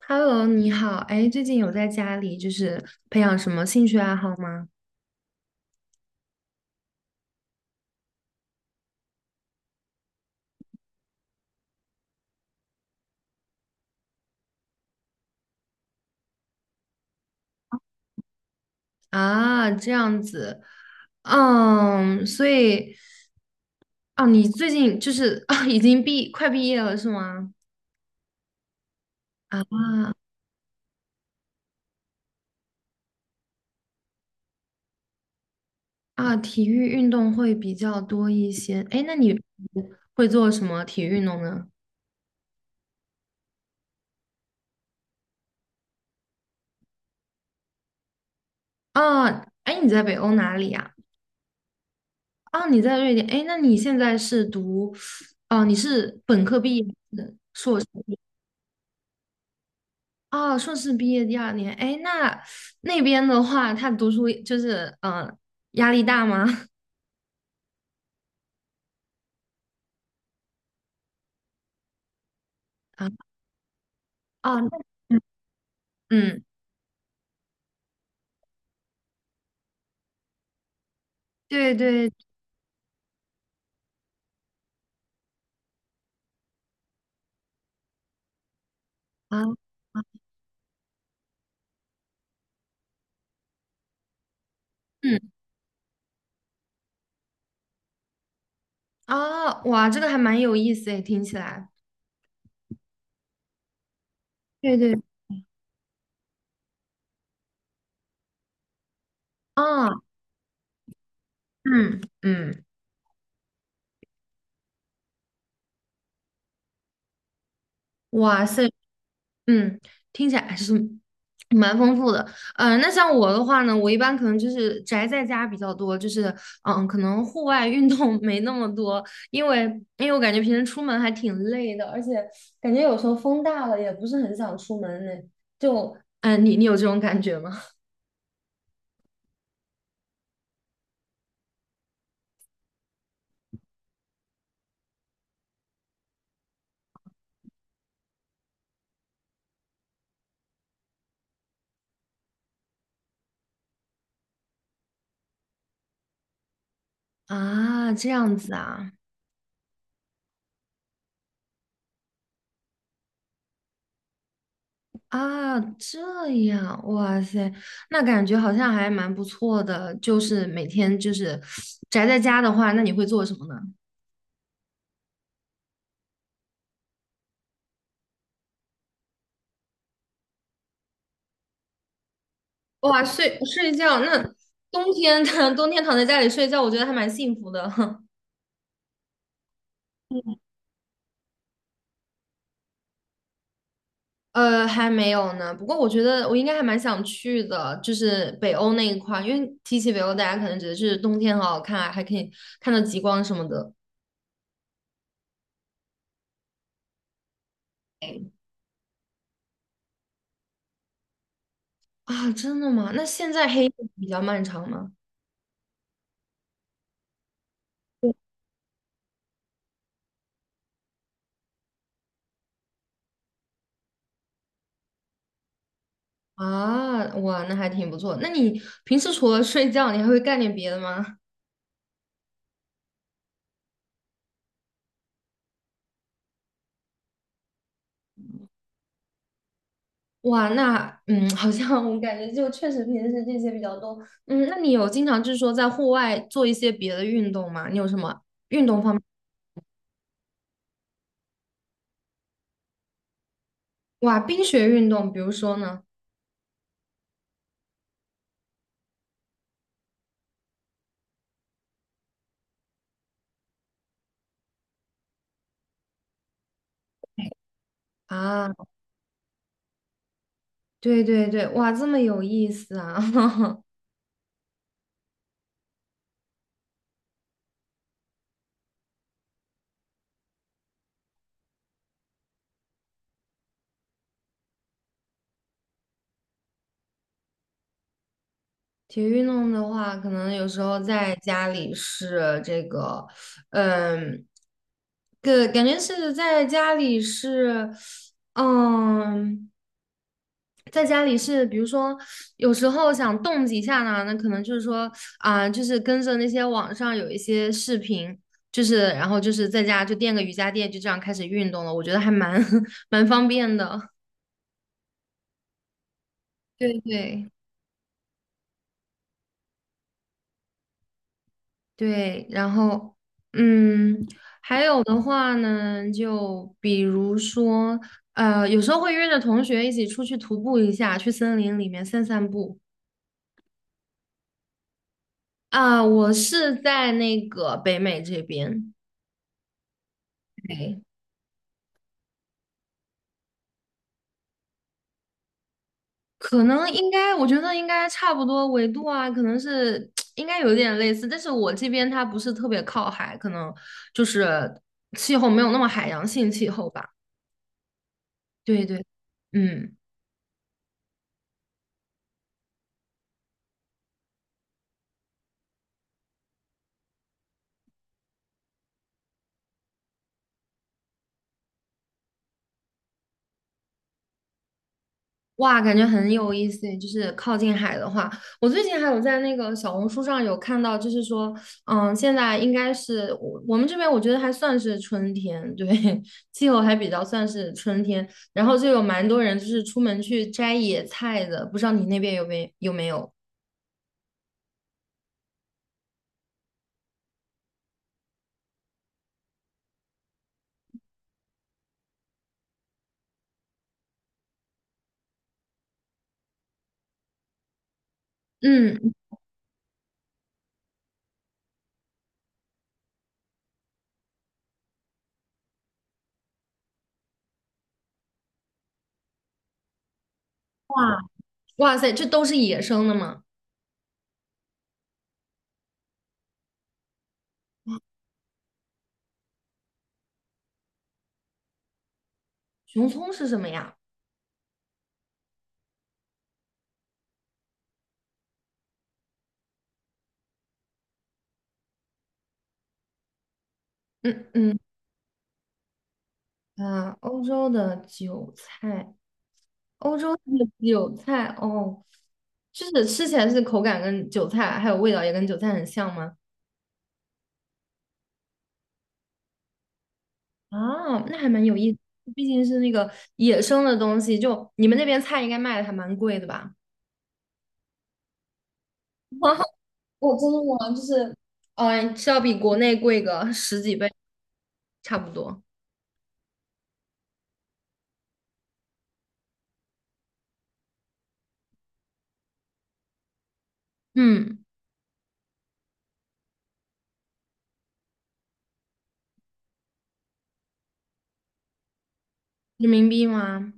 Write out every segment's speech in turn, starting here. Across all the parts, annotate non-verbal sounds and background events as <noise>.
Hello，你好，哎，最近有在家里就是培养什么兴趣爱好吗？啊，这样子，嗯，所以，哦，你最近就是 <laughs> 啊，已经快毕业了是吗？啊啊，体育运动会比较多一些，哎，那你会做什么体育运动呢？啊，哎，你在北欧哪里呀？啊，你在瑞典，哎，那你现在是读，哦，你是本科毕业还是硕士？哦，硕士毕业第二年，哎，那边的话，他读书就是，压力大吗？<laughs> 啊，哦，那嗯，嗯对对啊，啊嗯，啊，哇，这个还蛮有意思诶，听起来，对对，啊，嗯嗯，哇塞，嗯，听起来还是蛮丰富的。那像我的话呢，我一般可能就是宅在家比较多，就是可能户外运动 <laughs> 没那么多，因为因为我感觉平时出门还挺累的，而且感觉有时候风大了也不是很想出门呢。就，你有这种感觉吗？<laughs> 啊，这样子啊，啊，这样，哇塞，那感觉好像还蛮不错的。就是每天就是宅在家的话，那你会做什么呢？哇，睡觉，那冬天 <laughs> 冬天躺在家里睡觉，我觉得还蛮幸福的。<laughs> 还没有呢，不过我觉得我应该还蛮想去的，就是北欧那一块儿，因为提起北欧，大家可能觉得是冬天好好看啊，还可以看到极光什么的啊。真的吗？那现在黑夜比较漫长吗？啊，哇，那还挺不错。那你平时除了睡觉，你还会干点别的吗？哇，那好像我感觉就确实平时这些比较多。嗯，那你有经常就是说在户外做一些别的运动吗？你有什么运动方面？哇，冰雪运动，比如说呢？啊，对对对，哇，这么有意思啊！<laughs> 体育运动的话，可能有时候在家里是这个，嗯，个感觉是在家里是，嗯。在家里是，比如说有时候想动几下呢，那可能就是说就是跟着那些网上有一些视频，就是然后就是在家就垫个瑜伽垫，就这样开始运动了。我觉得还蛮 <laughs> 蛮方便的。对对对，然后嗯，还有的话呢，就比如说有时候会约着同学一起出去徒步一下，去森林里面散散步。啊、我是在那个北美这边。对，可能应该，我觉得应该差不多纬度啊，可能是 <tsk> 应该有点类似，但是我这边它不是特别靠海，可能就是气候没有那么海洋性气候吧。对对，嗯。哇，感觉很有意思诶，就是靠近海的话，我最近还有在那个小红书上有看到，就是说，嗯，现在应该是我们这边，我觉得还算是春天，对，<laughs> 气候还比较算是春天，然后就有蛮多人就是出门去摘野菜的，不知道你那边有没有？嗯，哇哇塞，这都是野生的吗？熊葱是什么呀？嗯嗯，啊，欧洲的韭菜。欧洲它的韭菜哦，就是吃起来是口感跟韭菜，还有味道也跟韭菜很像吗？啊，那还蛮有意思，毕竟是那个野生的东西，就你们那边菜应该卖的还蛮贵的吧？<laughs> 我真的吗？就是，是要比国内贵个十几倍，差不多。嗯，人民币吗？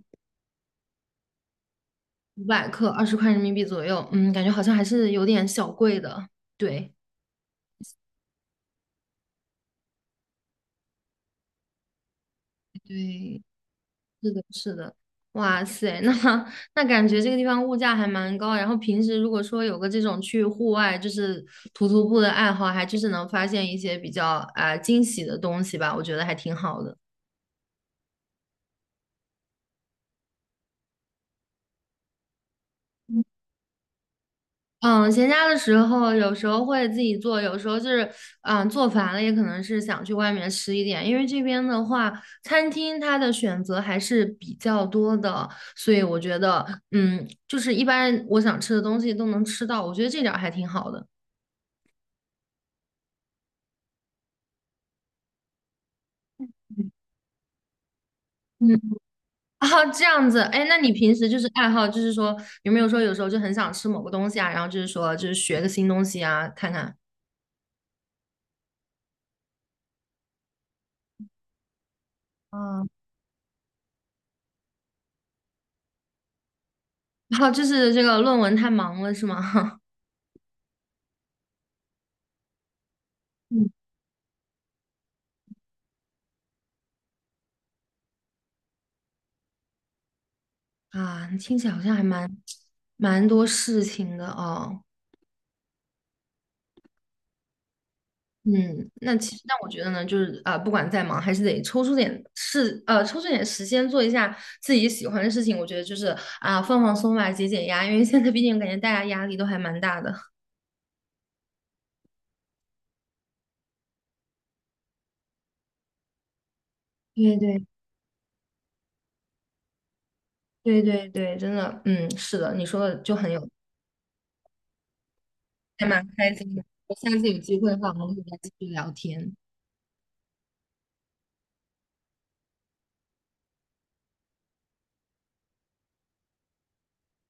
500克，20块人民币左右。嗯，感觉好像还是有点小贵的。对，对，是的，是的，哇塞，那 <laughs> 那感觉这个地方物价还蛮高啊。然后平时如果说有个这种去户外就是徒步的爱好，还就是能发现一些比较惊喜的东西吧，我觉得还挺好的。嗯，闲暇的时候有时候会自己做，有时候就是做烦了，也可能是想去外面吃一点。因为这边的话，餐厅它的选择还是比较多的，所以我觉得就是一般我想吃的东西都能吃到，我觉得这点儿还挺好的。嗯，<laughs> 啊，这样子，哎，那你平时就是爱好，就是说有没有说有时候就很想吃某个东西啊，然后就是说就是学个新东西啊，看看，啊，<laughs> 然后就是这个论文太忙了是吗？<laughs> 嗯，啊，听起来好像还蛮多事情的哦。嗯，那其实那我觉得呢，就是不管再忙，还是得抽出点事，抽出点时间做一下自己喜欢的事情。我觉得就是放松吧，解压，因为现在毕竟感觉大家压力都还蛮大的。对对。对对对，真的，嗯，是的，你说的就很有，还蛮开心的。我下次有机会的话，我们会再继续聊天。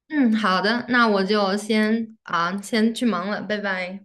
嗯，好的，那我就先去忙了，拜拜。